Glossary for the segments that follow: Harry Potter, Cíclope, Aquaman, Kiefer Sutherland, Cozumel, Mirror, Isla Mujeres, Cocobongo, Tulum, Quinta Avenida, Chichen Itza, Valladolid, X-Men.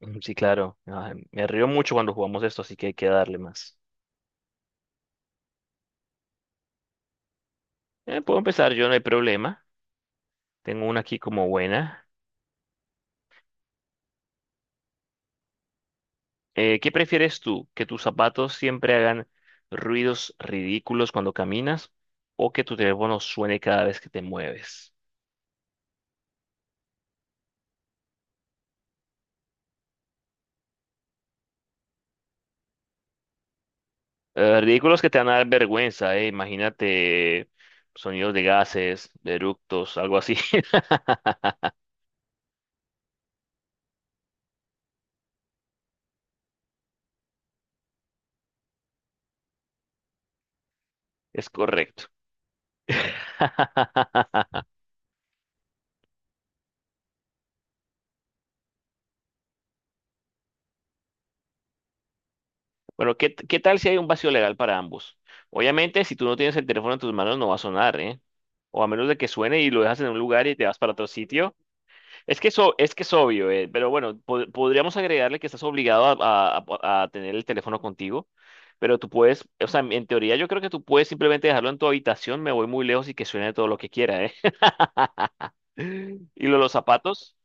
Sí, claro. Me río mucho cuando jugamos esto, así que hay que darle más. Puedo empezar yo, no hay problema. Tengo una aquí como buena. ¿Qué prefieres tú? ¿Que tus zapatos siempre hagan ruidos ridículos cuando caminas o que tu teléfono suene cada vez que te mueves? Ridículos que te van a dar vergüenza, Imagínate sonidos de gases, de eructos, algo así. Es correcto. Bueno, ¿qué tal si hay un vacío legal para ambos? Obviamente, si tú no tienes el teléfono en tus manos, no va a sonar, ¿eh? O a menos de que suene y lo dejas en un lugar y te vas para otro sitio. Es que eso, es que es obvio, ¿eh? Pero bueno, podríamos agregarle que estás obligado a tener el teléfono contigo. Pero tú puedes, o sea, en teoría yo creo que tú puedes simplemente dejarlo en tu habitación, me voy muy lejos y que suene todo lo que quiera, ¿eh? Y lo de los zapatos.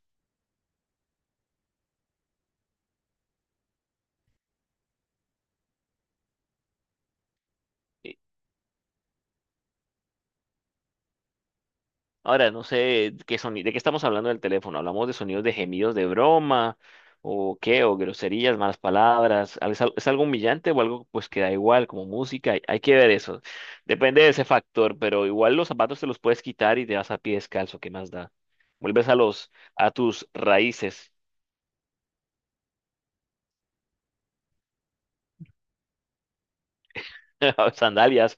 Ahora, no sé qué sonido, de qué estamos hablando del teléfono. ¿Hablamos de sonidos de gemidos de broma o qué? ¿O groserías, malas palabras? ¿ es algo humillante o algo pues que da igual como música? Hay que ver eso. Depende de ese factor, pero igual los zapatos te los puedes quitar y te vas a pie descalzo. ¿Qué más da? Vuelves a los a tus raíces, sandalias.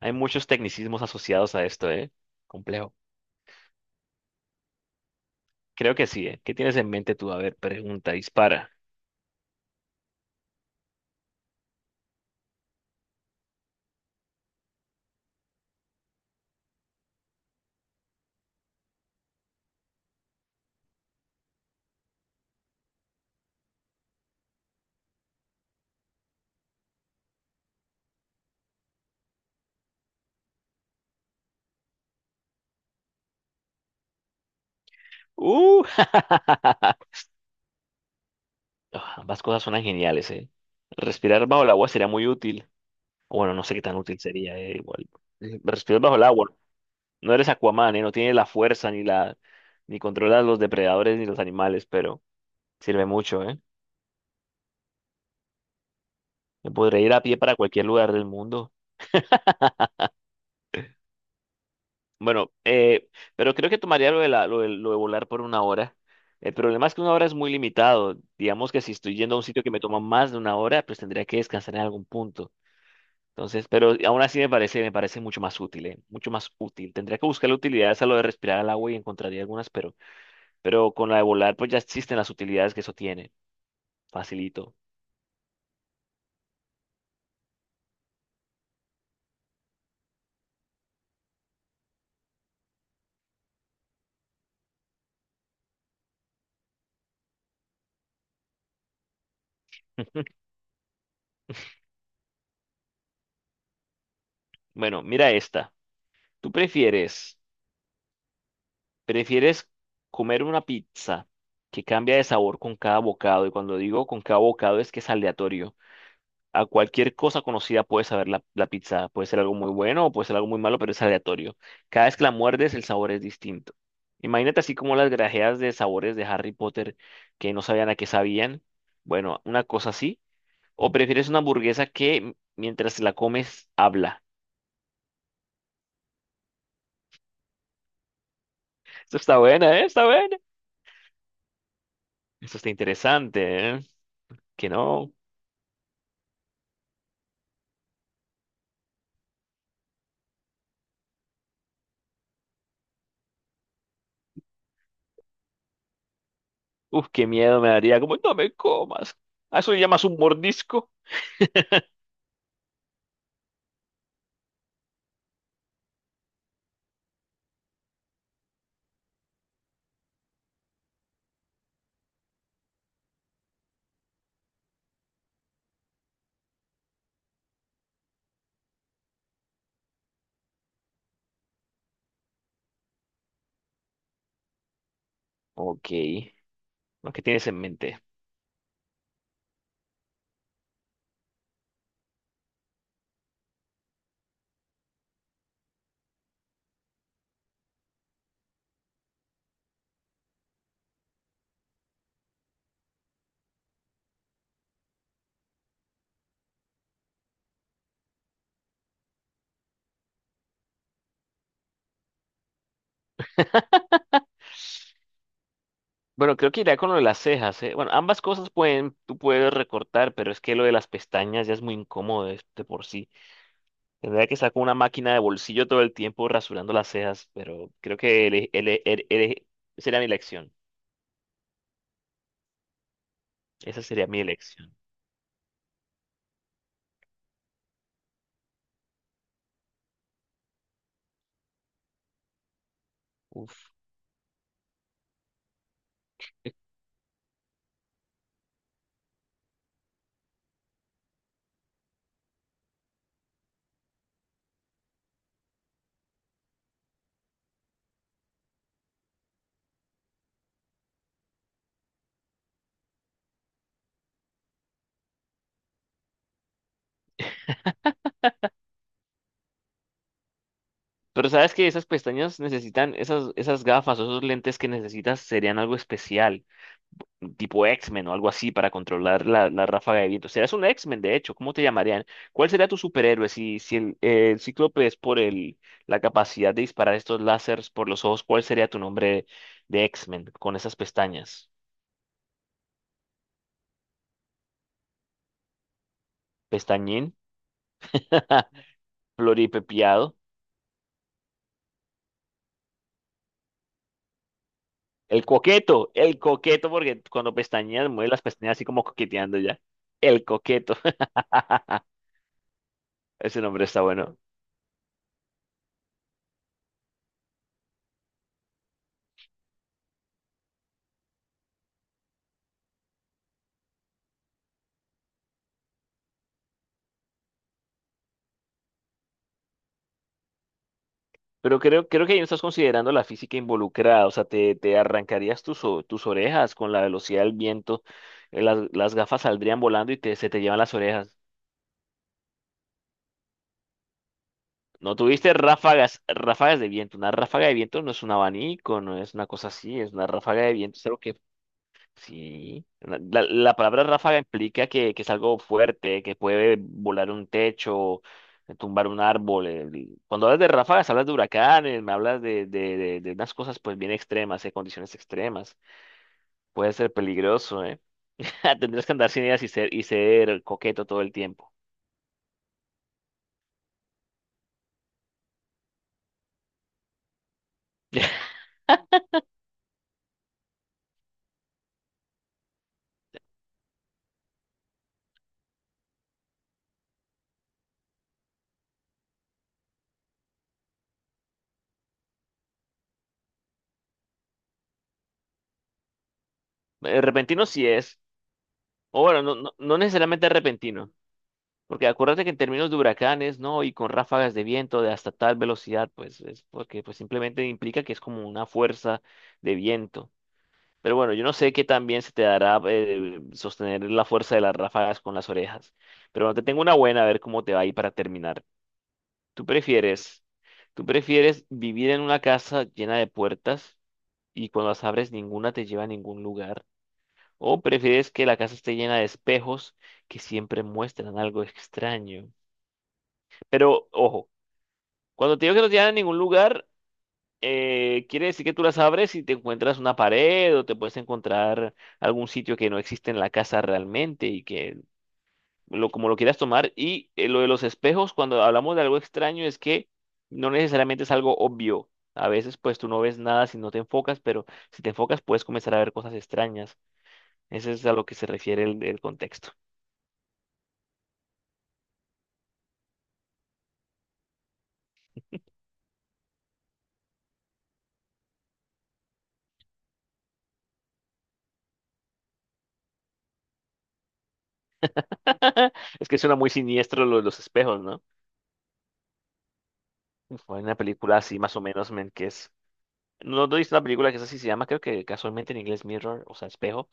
Hay muchos tecnicismos asociados a esto, ¿eh? Complejo. Creo que sí, ¿eh? ¿Qué tienes en mente tú? A ver, pregunta, dispara. ¡Uh! Ambas cosas suenan geniales, ¿eh? Respirar bajo el agua sería muy útil. Bueno, no sé qué tan útil sería, ¿eh? Igual. Respirar bajo el agua. No eres Aquaman, ¿eh? No tienes la fuerza ni la ni controlas los depredadores ni los animales, pero sirve mucho, ¿eh? Me podré ir a pie para cualquier lugar del mundo. Bueno, pero creo que tomaría lo de, la- lo de volar por una hora. El problema es que una hora es muy limitado. Digamos que si estoy yendo a un sitio que me toma más de una hora, pues tendría que descansar en algún punto. Entonces, pero aún así me parece mucho más útil, ¿eh? Mucho más útil. Tendría que buscar utilidades a lo de respirar al agua y encontraría algunas, pero con la de volar, pues ya existen las utilidades que eso tiene. Facilito. Bueno, mira esta. ¿Tú prefieres comer una pizza que cambia de sabor con cada bocado? Y cuando digo con cada bocado es que es aleatorio. A cualquier cosa conocida puedes saber la pizza. Puede ser algo muy bueno o puede ser algo muy malo, pero es aleatorio. Cada vez que la muerdes, el sabor es distinto. Imagínate así como las grajeas de sabores de Harry Potter que no sabían a qué sabían. Bueno, una cosa así. ¿O prefieres una hamburguesa que mientras la comes habla? Esto está buena, ¿eh? Está buena. Esto está interesante, ¿eh? Que no. Uf, qué miedo me daría. Como, no me comas. ¿A eso le llamas un mordisco? Ok. ¿No? ¿Qué tienes en mente? Bueno, creo que iría con lo de las cejas, ¿eh? Bueno, ambas cosas pueden, tú puedes recortar, pero es que lo de las pestañas ya es muy incómodo de por sí. Tendría que sacar una máquina de bolsillo todo el tiempo rasurando las cejas, pero creo que sería mi elección. Esa sería mi elección. Uf. Pero sabes que esas pestañas necesitan, esas, esas gafas o esos lentes que necesitas serían algo especial, tipo X-Men o algo así para controlar la ráfaga de viento. Serás un X-Men, de hecho, ¿cómo te llamarían? ¿Cuál sería tu superhéroe si, si el Cíclope es por la capacidad de disparar estos láseres por los ojos? ¿Cuál sería tu nombre de X-Men con esas pestañas? ¿Pestañín? ¿Floripepiado? El coqueto, porque cuando pestañeas mueve las pestañas así como coqueteando ya. El coqueto. Ese nombre está bueno. Pero creo, creo que ahí no estás considerando la física involucrada. O sea, te arrancarías tus, tus orejas con la velocidad del viento. Las gafas saldrían volando y te, se te llevan las orejas. No tuviste ráfagas, ráfagas de viento. Una ráfaga de viento no es un abanico, no es una cosa así. Es una ráfaga de viento. Es algo que sí, la palabra ráfaga implica que es algo fuerte, que puede volar un techo, tumbar un árbol. Cuando hablas de ráfagas, hablas de huracanes, me hablas de, de unas cosas pues bien extremas, de condiciones extremas. Puede ser peligroso, ¿eh? Tendrías que andar sin ideas y ser coqueto todo el tiempo. Repentino sí es, o bueno, no, no, no necesariamente repentino. Porque acuérdate que en términos de huracanes, ¿no? Y con ráfagas de viento de hasta tal velocidad, pues es porque pues simplemente implica que es como una fuerza de viento. Pero bueno, yo no sé qué tan bien se te dará sostener la fuerza de las ráfagas con las orejas. Pero bueno, te tengo una buena, a ver cómo te va ahí para terminar. ¿Tú prefieres, tú prefieres vivir en una casa llena de puertas y cuando las abres ninguna te lleva a ningún lugar? ¿O prefieres que la casa esté llena de espejos que siempre muestran algo extraño? Pero ojo, cuando te digo que no te llevan a ningún lugar, quiere decir que tú las abres y te encuentras una pared o te puedes encontrar algún sitio que no existe en la casa realmente y que lo, como lo quieras tomar. Y lo de los espejos, cuando hablamos de algo extraño, es que no necesariamente es algo obvio. A veces pues tú no ves nada si no te enfocas, pero si te enfocas puedes comenzar a ver cosas extrañas. Ese es a lo que se refiere el contexto. Es que suena muy siniestro lo de los espejos, ¿no? Fue una película así más o menos, men, que es no, no viste una película que es así, se llama, creo que casualmente en inglés Mirror, o sea, espejo.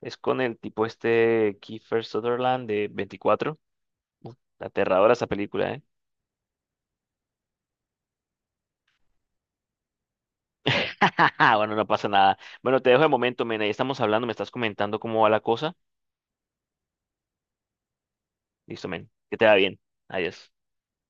Es con el tipo este Kiefer Sutherland de 24. Uf, aterradora esa película, ¿eh? Bueno, no pasa nada. Bueno, te dejo de momento, men. Ahí estamos hablando, me estás comentando cómo va la cosa. Listo, men. Que te va bien. Adiós.